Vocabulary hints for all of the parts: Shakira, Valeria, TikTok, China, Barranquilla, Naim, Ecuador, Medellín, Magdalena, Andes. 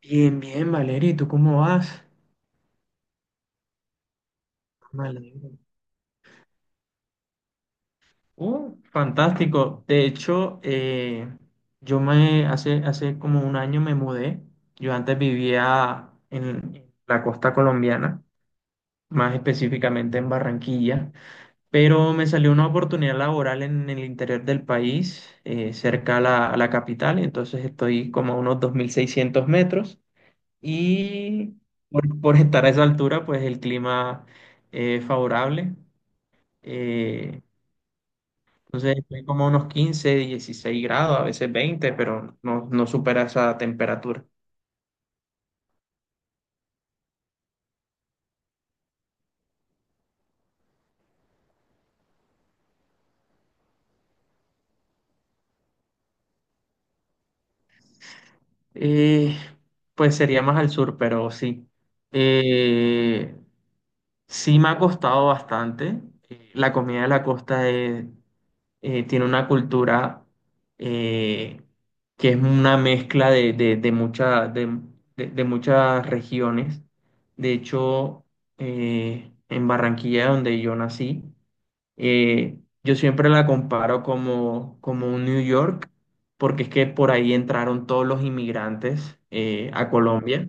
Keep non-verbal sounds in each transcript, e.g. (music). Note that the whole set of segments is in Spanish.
Bien, bien, Valeria, ¿y tú cómo vas? Me alegro. Fantástico. De hecho, hace como un año me mudé. Yo antes vivía en la costa colombiana, más específicamente en Barranquilla, pero me salió una oportunidad laboral en, el interior del país, cerca a a la capital, entonces estoy como a unos 2.600 metros y por estar a esa altura, pues el clima es favorable. Eh, entonces estoy como a unos 15, 16 grados, a veces 20, pero no supera esa temperatura. Eh, pues sería más al sur, pero sí. Eh, sí me ha costado bastante. La comida de la costa tiene una cultura eh, que es una mezcla de muchas regiones. De hecho, en Barranquilla, donde yo nací, yo siempre la comparo como un New York, porque es que por ahí entraron todos los inmigrantes a Colombia.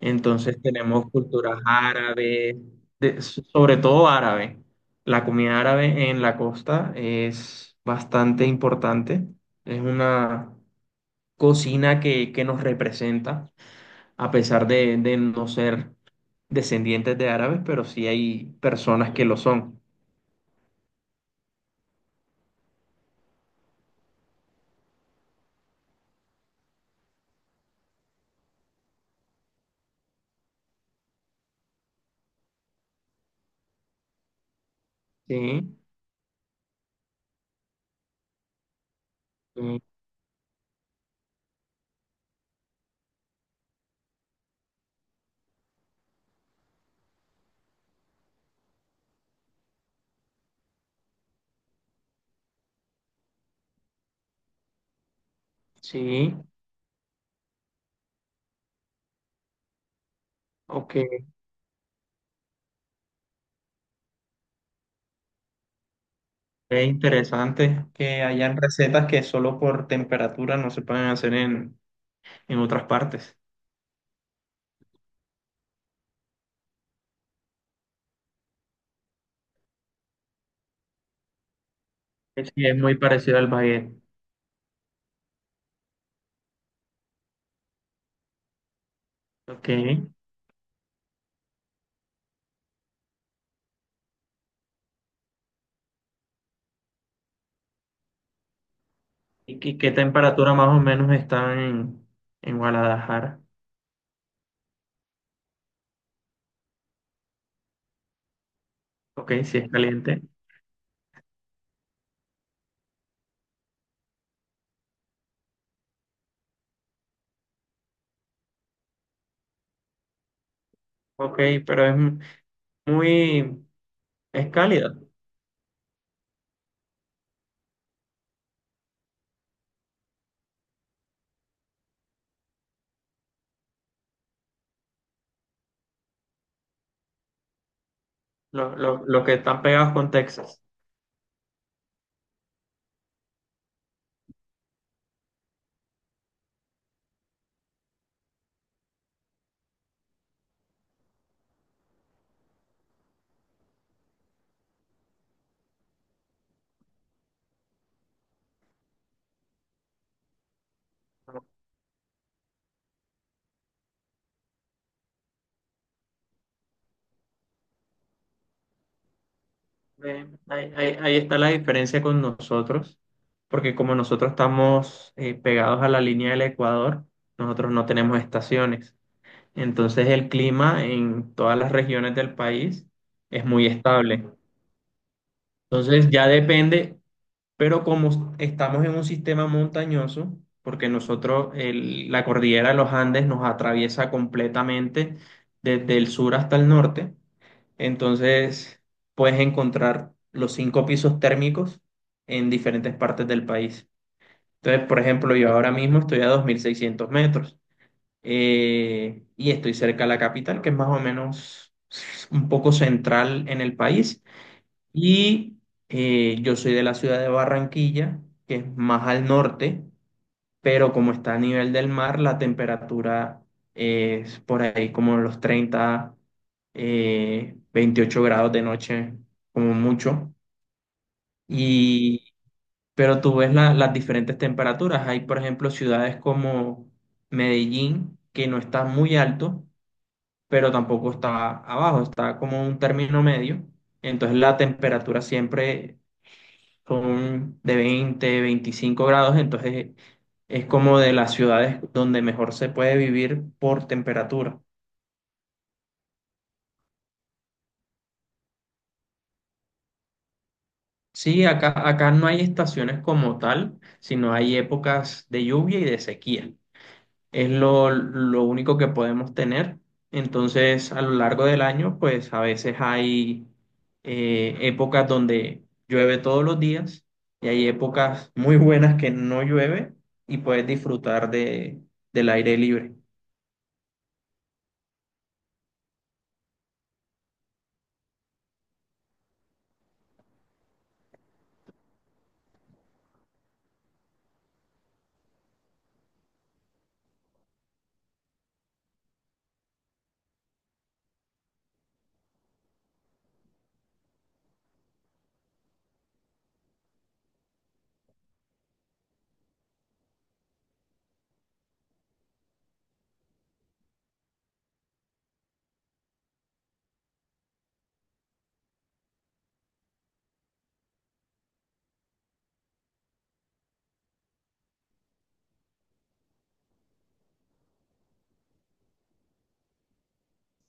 Entonces tenemos culturas árabes, sobre todo árabe. La comida árabe en la costa es bastante importante. Es una cocina que nos representa, a pesar de no ser descendientes de árabes, pero sí hay personas que lo son. Sí. Sí, ok. Es interesante que hayan recetas que solo por temperatura no se pueden hacer en otras partes. Sí, es muy parecido al baguette. Ok. ¿Y qué temperatura más o menos está en Guadalajara? Ok, sí es caliente. Ok, pero es muy, es cálida. Los que están pegados con Texas. Ve, ahí está la diferencia con nosotros, porque como nosotros estamos pegados a la línea del Ecuador, nosotros no tenemos estaciones. Entonces el clima en todas las regiones del país es muy estable. Entonces ya depende, pero como estamos en un sistema montañoso, porque nosotros la cordillera de los Andes nos atraviesa completamente desde el sur hasta el norte, entonces puedes encontrar los cinco pisos térmicos en diferentes partes del país. Entonces, por ejemplo, yo ahora mismo estoy a 2.600 metros y estoy cerca de la capital, que es más o menos un poco central en el país. Y yo soy de la ciudad de Barranquilla, que es más al norte, pero como está a nivel del mar, la temperatura es por ahí como los 30 28 grados de noche, como mucho. Y, pero tú ves las diferentes temperaturas. Hay, por ejemplo, ciudades como Medellín, que no está muy alto, pero tampoco está abajo, está como un término medio. Entonces la temperatura siempre son de 20 25 grados, entonces es como de las ciudades donde mejor se puede vivir por temperatura. Sí, acá no hay estaciones como tal, sino hay épocas de lluvia y de sequía. Es lo único que podemos tener. Entonces, a lo largo del año, pues a veces hay épocas donde llueve todos los días y hay épocas muy buenas que no llueve y puedes disfrutar del aire libre.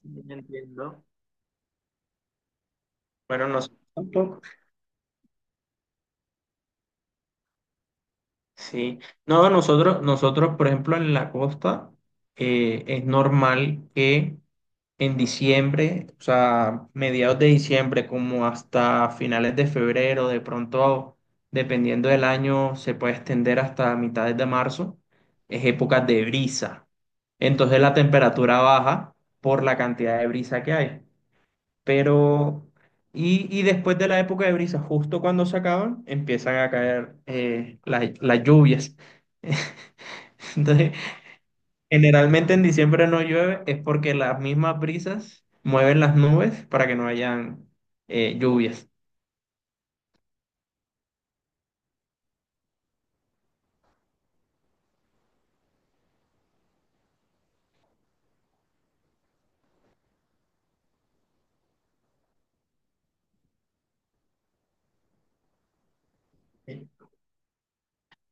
No entiendo. Bueno, nosotros tampoco. Sí. No, nosotros, por ejemplo, en la costa, es normal que en diciembre, o sea, mediados de diciembre, como hasta finales de febrero, de pronto, dependiendo del año, se puede extender hasta mitades de marzo, es época de brisa. Entonces la temperatura baja por la cantidad de brisa que hay. Pero, y después de la época de brisa, justo cuando se acaban, empiezan a caer las lluvias. (laughs) Entonces, generalmente en diciembre no llueve, es porque las mismas brisas mueven las nubes para que no hayan lluvias.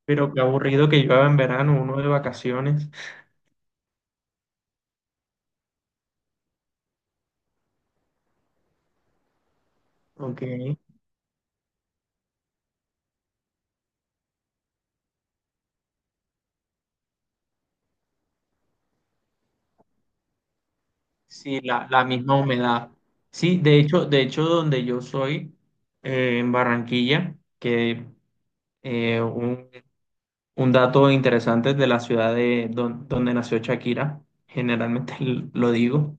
Pero qué aburrido que llueva en verano, uno de vacaciones. Ok. Sí, la misma humedad. Sí, de hecho, donde yo soy, en Barranquilla, que eh, un- un dato interesante de la ciudad de donde nació Shakira, generalmente (laughs) lo digo,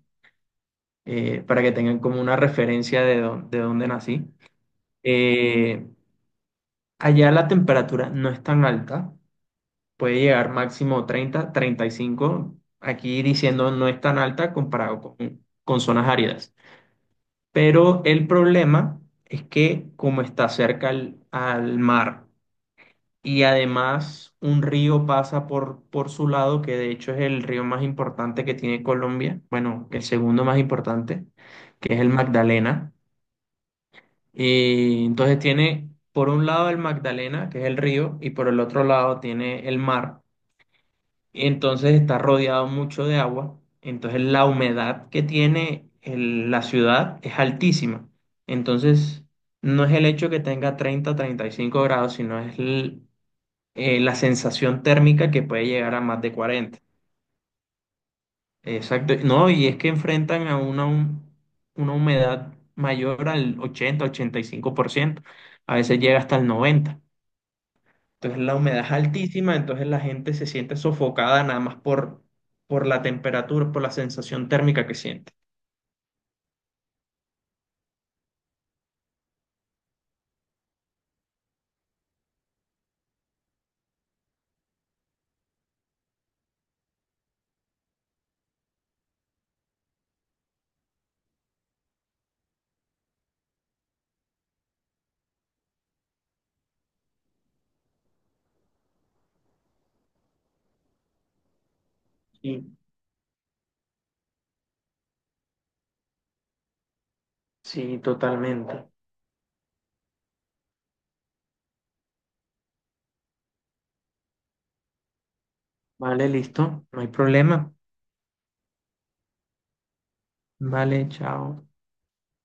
para que tengan como una referencia de dónde nací. Eh, Allá la temperatura no es tan alta, puede llegar máximo 30, 35, aquí diciendo no es tan alta comparado con zonas áridas. Pero el problema es que como está cerca al mar, y además un río pasa por su lado, que de hecho es el río más importante que tiene Colombia, bueno, el segundo más importante, que es el Magdalena. Y entonces tiene por un lado el Magdalena, que es el río, y por el otro lado tiene el mar. Entonces está rodeado mucho de agua. Entonces la humedad que tiene la ciudad es altísima. Entonces no es el hecho que tenga treinta treinta y cinco grados, sino es el la sensación térmica que puede llegar a más de cuarenta. Exacto. No, y es que enfrentan a una humedad mayor al ochenta ochenta y cinco por ciento. A veces llega hasta el 90%. Entonces la humedad es altísima, entonces la gente se siente sofocada nada más por la temperatura, por la sensación térmica que siente. Sí, sí, totalmente. Vale, listo. No hay problema. Vale, chao.